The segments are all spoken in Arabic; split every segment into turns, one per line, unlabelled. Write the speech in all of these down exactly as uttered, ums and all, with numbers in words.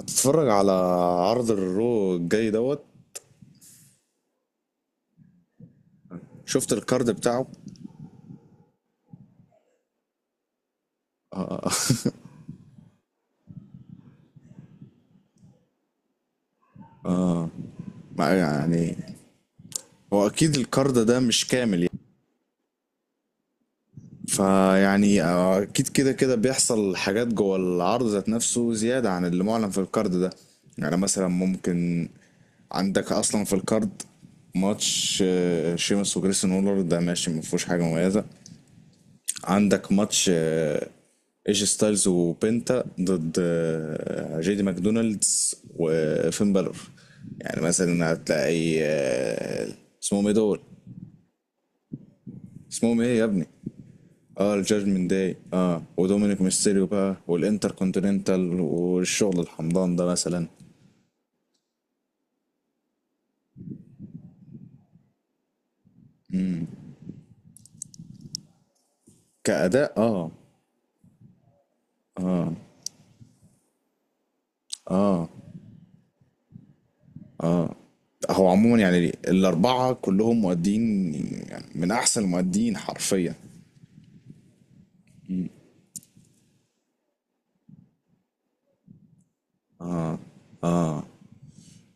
هتتفرج على عرض الرو الجاي دوت. شفت الكارد بتاعه؟ ما يعني هو اكيد الكارد ده مش كامل يعني، فيعني اكيد كده كده بيحصل حاجات جوه العرض ذات نفسه زيادة عن اللي معلن في الكارد ده. يعني مثلا ممكن عندك اصلا في الكارد ماتش آه، شيمس وجريسون وولر، ده ماشي، ما فيهوش حاجة مميزة. عندك ماتش آه، ايجي ستايلز وبنتا ضد آه، جيدي ماكدونالدز وفين بالور. يعني مثلا هتلاقي آه، اسمهم ايه دول، اسمهم ايه يا ابني؟ اه، الجادجمنت داي، اه، ودومينيك ميستيريو بقى والانتر كونتيننتال والشغل الحمضان ده مثلا. كأداء، اه، اه، هو عموما يعني الأربعة كلهم مؤدين، يعني من أحسن المؤدين حرفيا.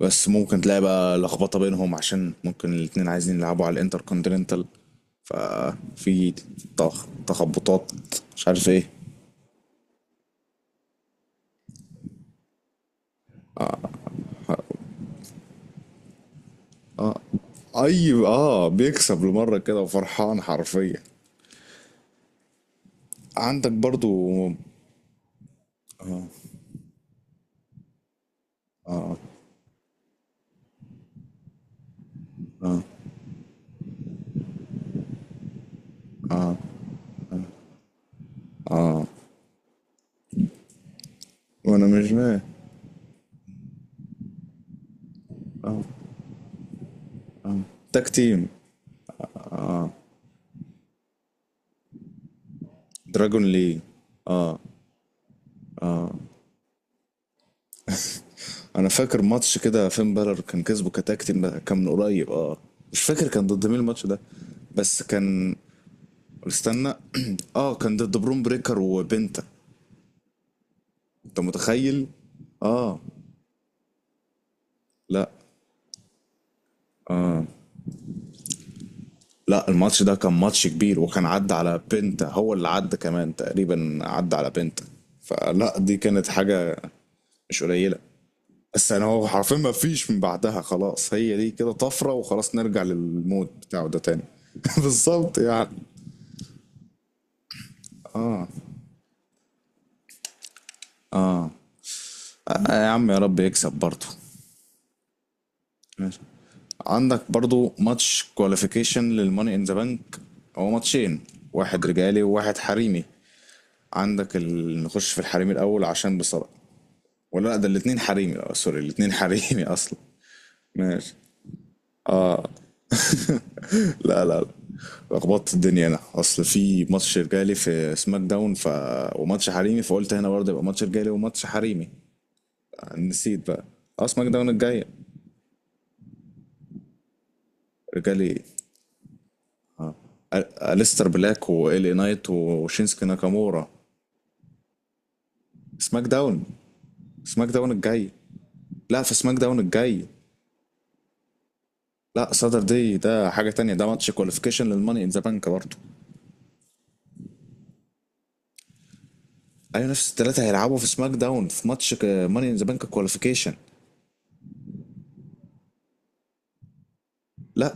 بس ممكن تلاقي بقى لخبطة بينهم عشان ممكن الاتنين عايزين يلعبوا على الانتر كونتيننتال، ففي تخ- تخبطات، مش عارف ايه. اي اه، بيكسب لمرة كده وفرحان حرفيا. عندك برضو آه، وانا مش ما تاك تيم دراجون لي. انا فاكر ماتش كده فين بالر كان كسبه كتاك تيم، ده كان من قريب اه. مش فاكر كان ضد مين الماتش ده، بس كان، استنى، اه كان ضد برون بريكر وبنتا. انت متخيل؟ اه، لا لا الماتش ده كان ماتش كبير، وكان عدى على بنتا، هو اللي عدى، كمان تقريبا عدى على بنتا. فلا دي كانت حاجة مش قليلة. بس انا هو حرفيا ما فيش من بعدها خلاص، هي دي كده طفرة وخلاص، نرجع للمود بتاعه ده تاني. بالظبط يعني. آه يا عم، يا رب يكسب برضه. ماشي. عندك برضو ماتش كواليفيكيشن للماني ان ذا بانك، هو ماتشين، واحد رجالي وواحد حريمي. عندك ال... نخش في الحريمي الاول عشان بصراحة، ولا لا، ده الاتنين حريمي، اه سوري، الاتنين حريمي اصلا. ماشي. لا لا لا، لخبطت الدنيا انا، اصل في ماتش رجالي في سماك داون ف... وماتش حريمي، فقلت هنا برضه يبقى ماتش رجالي وماتش حريمي. آه، نسيت بقى. اه سماك داون الجاية. رجالي ايه؟ اه، أل- أليستر بلاك وال اي نايت وشينسكي ناكامورا. سماك داون، سماك داون الجاي. لا في سماك داون الجاي. لا صدر دي ده حاجة تانية، ده ماتش كواليفيكيشن للماني ان ذا بانك برضه. ايوه نفس الثلاثه هيلعبوا في سماك داون في ماتش ماني ان ذا بانك كواليفيكيشن. لا،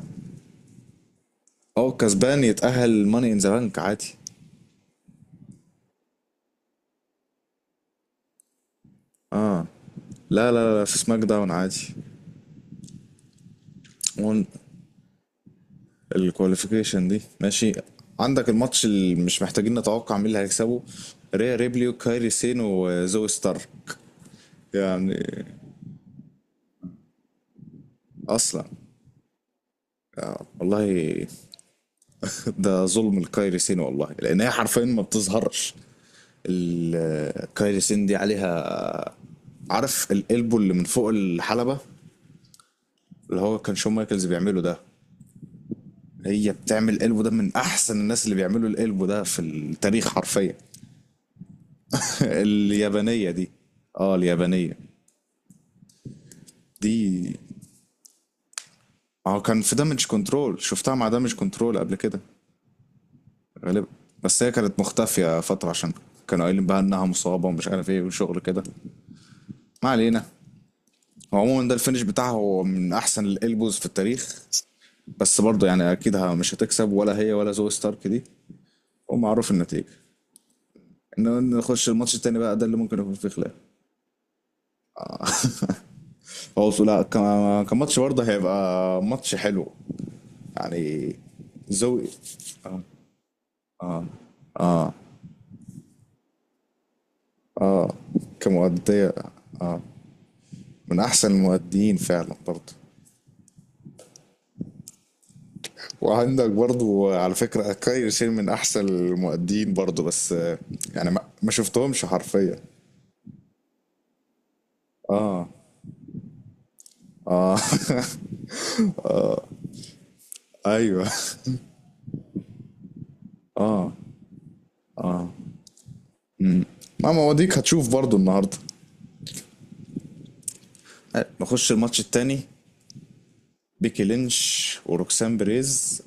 هو الكسبان يتأهل ماني ان ذا بانك عادي. اه، لا لا لا في سماك داون عادي. وان الكواليفيكيشن دي، ماشي. عندك الماتش اللي مش محتاجين نتوقع مين اللي هيكسبه، ريا ريبلي وكايري سين وزوي ستارك. يعني اصلا، آه. والله. ده ظلم لكايري سين والله، لان هي حرفيا ما بتظهرش. ال- كايري سين دي عليها، عارف القلبو اللي من فوق الحلبة، اللي هو كان شون مايكلز بيعمله ده؟ هي بتعمل قلبو ده من احسن الناس اللي بيعملوا القلبو ده في التاريخ حرفيا. اليابانية دي. اه اليابانية دي. ما هو كان في دامج كنترول، شفتها مع دامج كنترول قبل كده غالبا. بس هي كانت مختفية فترة عشان كانوا قايلين بقى انها مصابة ومش عارف ايه وشغل كده. ما علينا. هو عموما ده الفينش بتاعها هو من احسن الالبوز في التاريخ. بس برضه يعني اكيد ه- مش هتكسب، ولا هي ولا زوي ستارك دي، ومعروف النتيجة. ان نخش الماتش التاني بقى، ده اللي ممكن يكون فيه خلاف. هو بس- لا ك- كماتش برضه هيبقى ماتش حلو يعني. زوي كمؤدية من احسن المؤديين فعلا برضه. وعندك برضه على فكرة كاير سير من احسن المؤديين برضه، بس آه، يعني ما, ما شفتهمش حرفيا. اه. ايوه. ما مواضيك هتشوف برضه النهارده. نخش الماتش التاني، بيكي لينش وروكسان بريز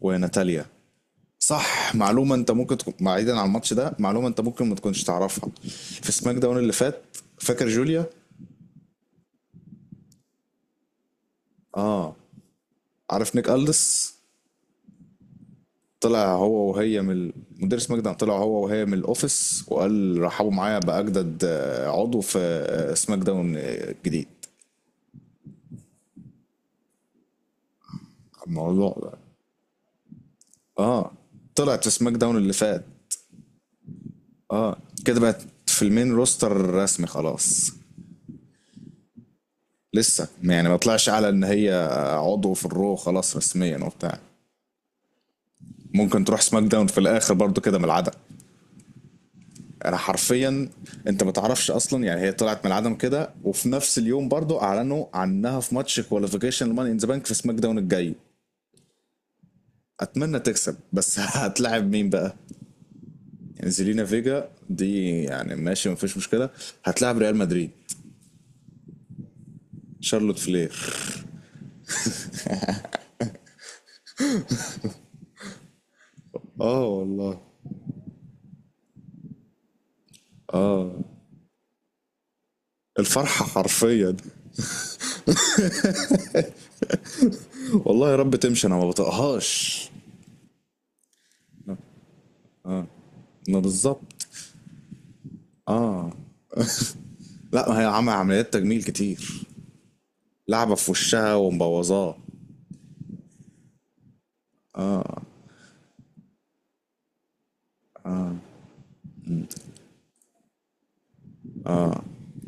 وناتاليا. صح، معلومة انت ممكن تكون بعيدا عن الماتش ده، معلومة انت ممكن ما تكونش تعرفها. في سماك داون اللي فات، فاكر جوليا؟ اه. عارف نيك ألدس؟ طلع هو وهي من ال- مدير سماك داون، طلع هو وهي من الاوفيس وقال رحبوا معايا بأجدد آه، عضو في آه، سماك داون آه، الجديد. الموضوع ده، اه طلعت في سماك داون اللي فات. اه كده بقت في المين روستر رسمي خلاص. لسه يعني ما طلعش على ان هي عضو في الرو خلاص رسميا وبتاع. ممكن تروح سماك داون في الاخر برضو كده من العدم. انا حرفيا، انت ما تعرفش اصلا يعني، هي طلعت من العدم كده، وفي نفس اليوم برضو اعلنوا عنها في ماتش كواليفيكيشن الماني ان ذا بانك في سماك داون الجاي. اتمنى تكسب بس. هتلاعب مين بقى؟ يعني زيلينا فيجا دي يعني ماشي ما فيش مشكله، هتلاعب ريال مدريد، شارلوت فلير. اه والله. اه الفرحه حرفيا. والله يا رب تمشي، انا ما بطقهاش. ما بالظبط. لا ما هي عمل عمليات تجميل كتير، لعبة في وشها ومبوظاه.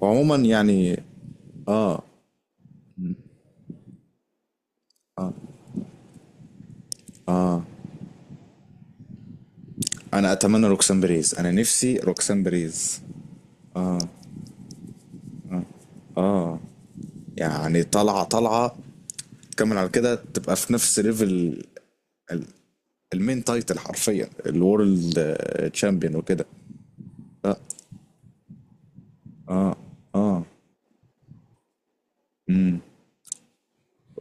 وعموما يعني، انا اتمنى روكسان بريز، انا نفسي روكسان بريز يعني، طالعة طالعة، تكمل على كده، تبقى في نفس ليفل ال- المين تايتل حرفيا الورلد تشامبيون وكده.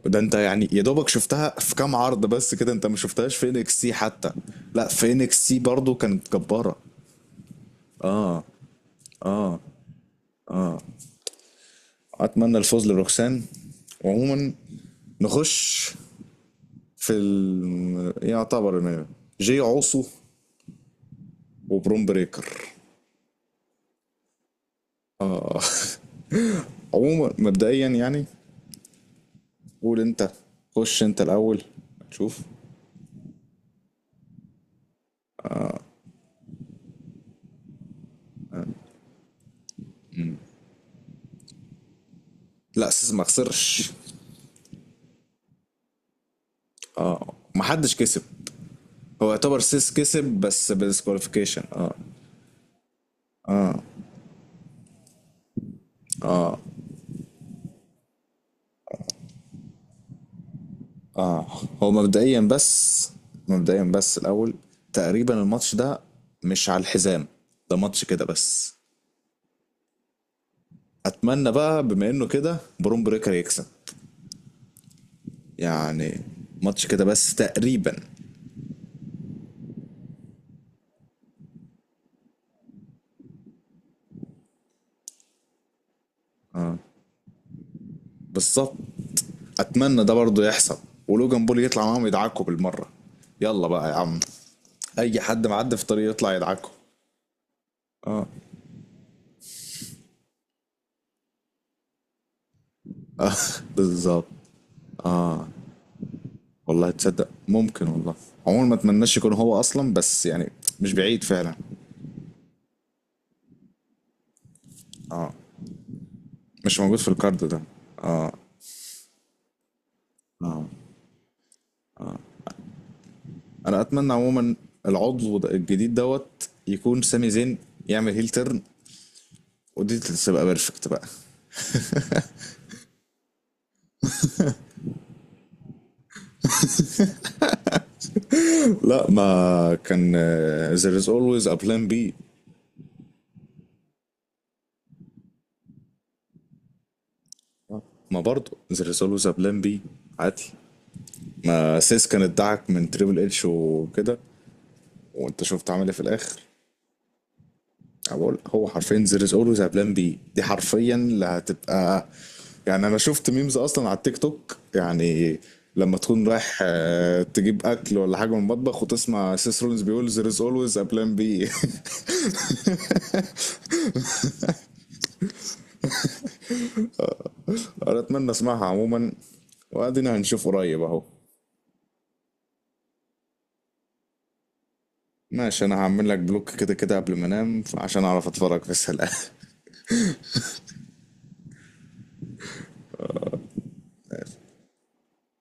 ده انت يعني يا دوبك شفتها في كام عرض بس كده، انت ما شفتهاش في انكس سي حتى. لا في انكس سي برضه كانت جبارة. اتمنى الفوز لروكسان. وعموما نخش في ال... يعتبر المين إيفنت. جي عوصو وبروم بريكر. عموما مبدئيا يعني، قول انت، خش انت الاول، شوف. لا سيس ما خسرش. محدش كسب. هو يعتبر سيس كسب بس بالديسكواليفيكيشن، اه. اه هو مبدئيا بس، مبدئيا بس الاول، تقريبا الماتش ده مش على الحزام، ده ماتش كده بس. اتمنى بقى بما انه كده بروم بريكر يكسب يعني، ماتش كده بس تقريبا. بالظبط. اتمنى ده برضه يحصل، ولوجان بول يطلع معاهم يدعكوا بالمره. يلا بقى يا عم، اي حد معدي في طريق يطلع يدعكوا. آه، بالظبط. والله تصدق ممكن والله. عموما ما اتمناش يكون هو اصلا بس يعني، مش بعيد فعلا. مش موجود في الكارد ده. اه انا اتمنى عموما العضو ده- الجديد دوت يكون سامي زين، يعمل هيل تيرن، ودي تبقى بيرفكت بقى. لا ما كان، آه، there is always a plan B. آه، ما برضه there is always a plan B عادي. سيس كان ادعك من تريبل اتش وكده، وانت شفت عمل ايه في الاخر. أنا بقول هو حرفيا there is always a plan B، دي حرفيا اللي هتبقى. يعني انا شفت ميمز اصلا على التيك توك، يعني لما تكون رايح آه، تجيب اكل ولا حاجه من المطبخ وتسمع سيس رولينز بيقول there is always a plan B. انا اتمنى اسمعها عموما، وادينا هنشوف قريب اهو. ماشي، انا هعمل لك بلوك كده كده قبل ما انام عشان اعرف اتفرج بس الان.